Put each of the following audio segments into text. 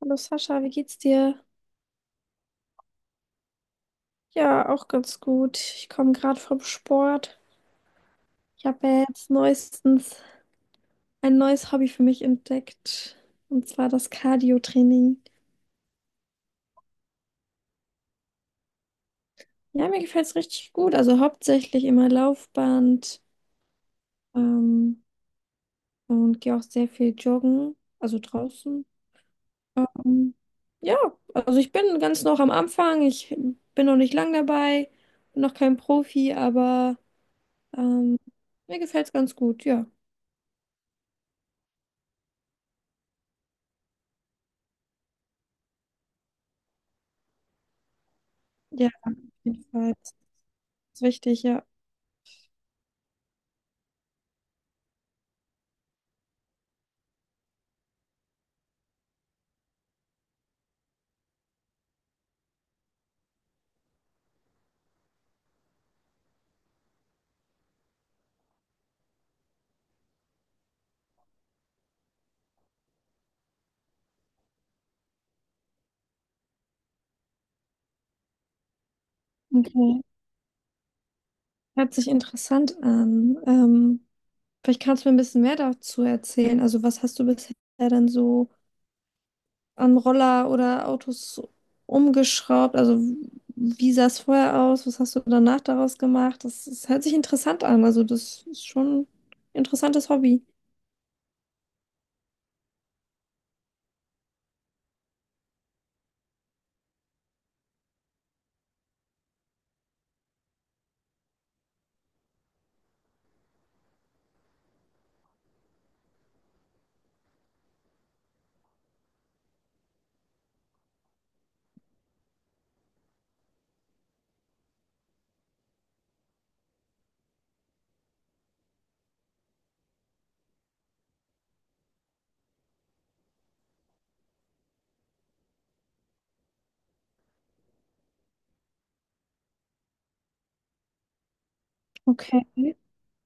Hallo Sascha, wie geht's dir? Ja, auch ganz gut. Ich komme gerade vom Sport. Ich habe ja jetzt neuestens ein neues Hobby für mich entdeckt, und zwar das Cardio-Training. Ja, mir gefällt's richtig gut. Also hauptsächlich immer Laufband ähm, und gehe auch sehr viel joggen, also draußen. Ähm, ja, also ich bin ganz noch am Anfang. Ich bin noch nicht lang dabei, bin noch kein Profi, aber ähm, mir gefällt's ganz gut, ja. Ja, auf jeden Fall. Ist wichtig, ja. Okay. Hört sich interessant an. Vielleicht kannst du mir ein bisschen mehr dazu erzählen. Also, was hast du bisher denn so an Roller oder Autos umgeschraubt? Also, wie sah es vorher aus? Was hast du danach daraus gemacht? Das hört sich interessant an. Also, das ist schon ein interessantes Hobby. Okay.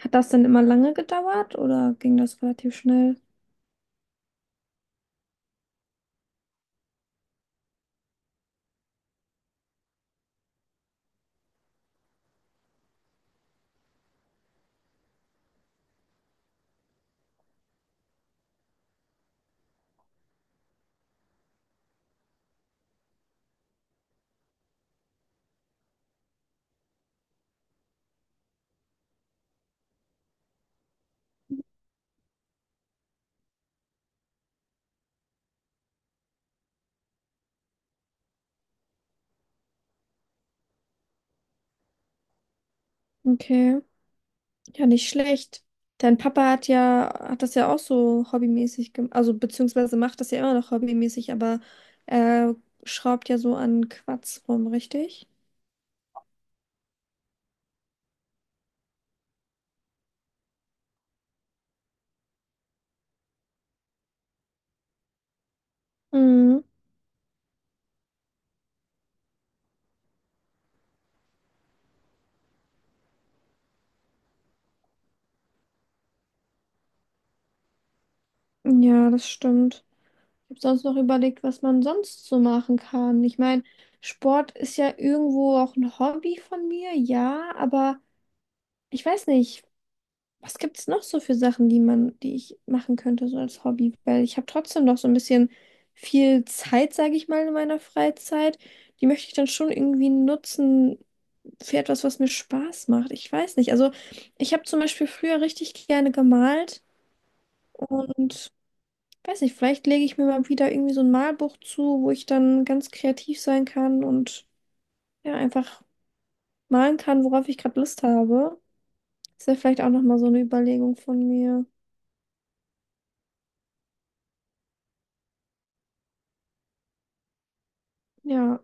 Hat das denn immer lange gedauert oder ging das relativ schnell? Okay. Ja, nicht schlecht. Dein Papa hat ja, hat das ja auch so hobbymäßig gemacht, also beziehungsweise macht das ja immer noch hobbymäßig, aber er schraubt ja so an Quatsch rum, richtig? Mhm. Ja, das stimmt. Ich habe sonst noch überlegt, was man sonst so machen kann. Ich meine, Sport ist ja irgendwo auch ein Hobby von mir, ja, aber ich weiß nicht. Was gibt es noch so für Sachen, die ich machen könnte, so als Hobby? Weil ich habe trotzdem noch so ein bisschen viel Zeit, sage ich mal, in meiner Freizeit. Die möchte ich dann schon irgendwie nutzen für etwas, was mir Spaß macht. Ich weiß nicht. Also ich habe zum Beispiel früher richtig gerne gemalt und weiß nicht, vielleicht lege ich mir mal wieder irgendwie so ein Malbuch zu, wo ich dann ganz kreativ sein kann und ja, einfach malen kann, worauf ich gerade Lust habe. Das wäre vielleicht auch nochmal so eine Überlegung von mir. Ja,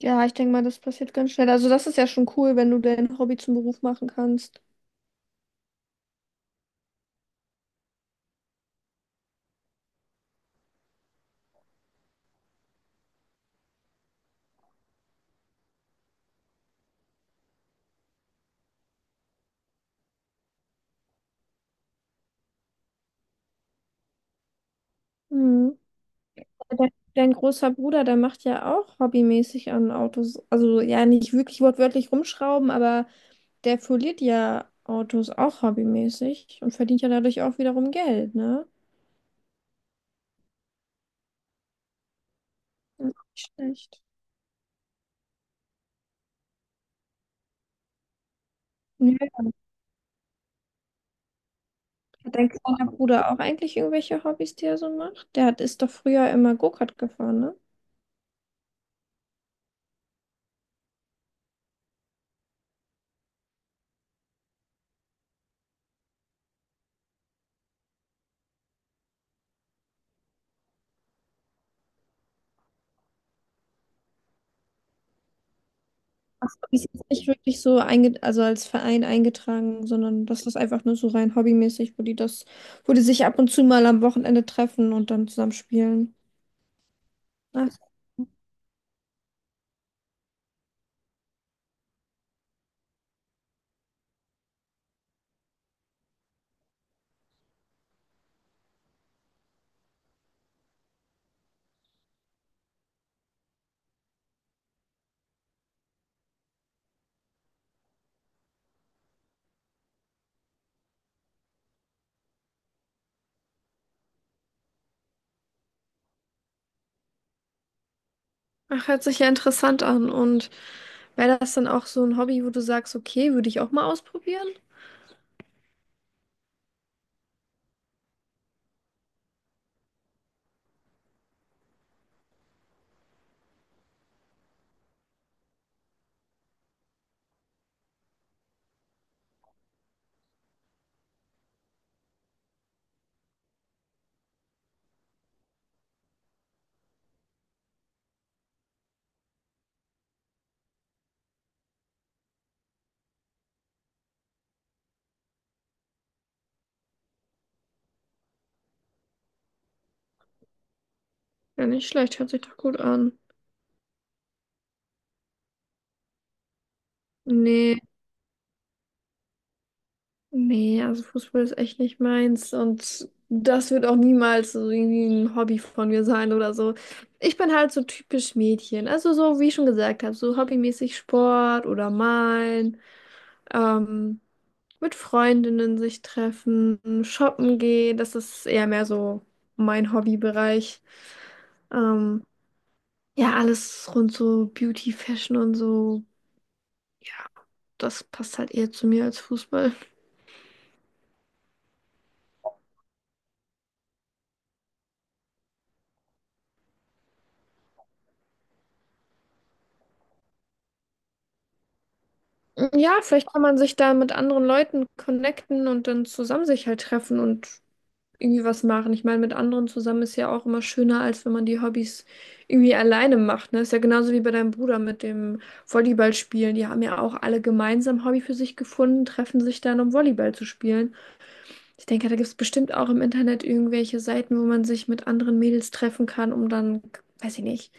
ja, ich denke mal, das passiert ganz schnell. Also das ist ja schon cool, wenn du dein Hobby zum Beruf machen kannst. Mhm. Dein großer Bruder, der macht ja auch hobbymäßig an Autos, also ja nicht wirklich wortwörtlich rumschrauben, aber der foliert ja Autos auch hobbymäßig und verdient ja dadurch auch wiederum Geld, ne? Ja, nicht schlecht. Ja. Hat dein kleiner Bruder auch eigentlich irgendwelche Hobbys, die er so macht? Der hat, ist doch früher immer Go-Kart gefahren, ne? Ach so, die ist jetzt nicht wirklich so einge also als Verein eingetragen, sondern das ist einfach nur so rein hobbymäßig, wo die sich ab und zu mal am Wochenende treffen und dann zusammen spielen. Ach, ach, hört sich ja interessant an. Und wäre das dann auch so ein Hobby, wo du sagst, okay, würde ich auch mal ausprobieren? Ja, nicht schlecht, hört sich doch gut an. Nee. Nee, also Fußball ist echt nicht meins und das wird auch niemals so irgendwie ein Hobby von mir sein oder so. Ich bin halt so typisch Mädchen. Also so, wie ich schon gesagt habe, so hobbymäßig Sport oder malen, ähm, mit Freundinnen sich treffen, shoppen gehen. Das ist eher mehr so mein Hobbybereich. Ähm, ja, alles rund so Beauty, Fashion und so. Das passt halt eher zu mir als Fußball. Ja, vielleicht kann man sich da mit anderen Leuten connecten und dann zusammen sich halt treffen und irgendwie was machen. Ich meine, mit anderen zusammen ist ja auch immer schöner, als wenn man die Hobbys irgendwie alleine macht. Ne? Ist ja genauso wie bei deinem Bruder mit dem Volleyballspielen. Die haben ja auch alle gemeinsam Hobby für sich gefunden, treffen sich dann, um Volleyball zu spielen. Ich denke, da gibt es bestimmt auch im Internet irgendwelche Seiten, wo man sich mit anderen Mädels treffen kann, um dann, weiß ich nicht,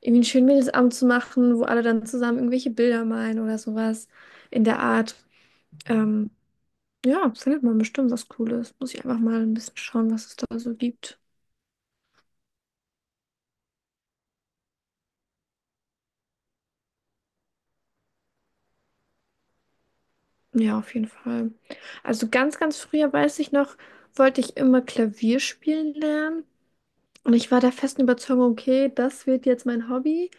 irgendwie einen schönen Mädelsabend zu machen, wo alle dann zusammen irgendwelche Bilder malen oder sowas in der Art. Ähm, ja, findet man bestimmt was Cooles. Muss ich einfach mal ein bisschen schauen, was es da so gibt. Ja, auf jeden Fall. Also ganz früher weiß ich noch, wollte ich immer Klavier spielen lernen. Und ich war der festen Überzeugung, okay, das wird jetzt mein Hobby.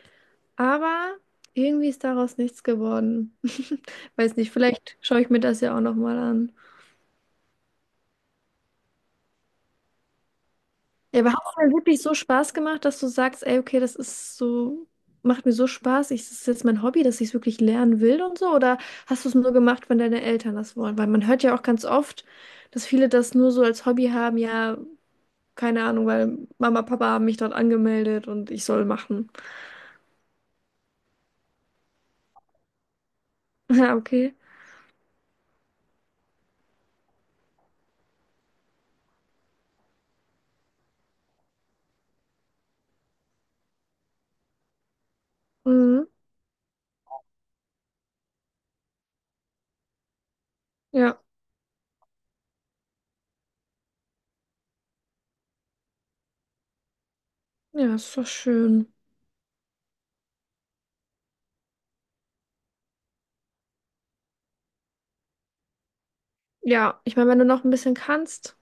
Aber irgendwie ist daraus nichts geworden. Weiß nicht, vielleicht schaue ich mir das ja auch nochmal an. Ja, aber hat es denn wirklich so Spaß gemacht, dass du sagst, ey, okay, das ist so, macht mir so Spaß, das ist jetzt mein Hobby, dass ich es wirklich lernen will und so? Oder hast du es nur gemacht, wenn deine Eltern das wollen? Weil man hört ja auch ganz oft, dass viele das nur so als Hobby haben, ja, keine Ahnung, weil Mama, Papa haben mich dort angemeldet und ich soll machen. Ja, okay. Mhm. Ja, ja, ist doch schön. Ja, ich meine, wenn du noch ein bisschen kannst.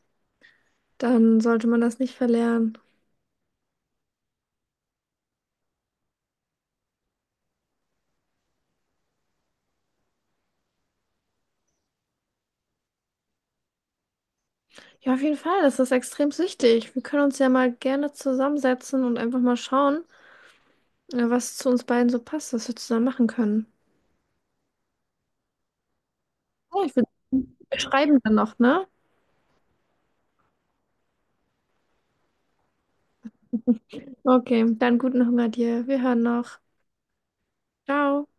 Dann sollte man das nicht verlernen. Ja, auf jeden Fall, das ist extrem wichtig. Wir können uns ja mal gerne zusammensetzen und einfach mal schauen, was zu uns beiden so passt, was wir zusammen machen können. Ja, ich würde wir schreiben dann noch, ne? Okay, dann guten Hunger dir. Wir hören noch. Ciao.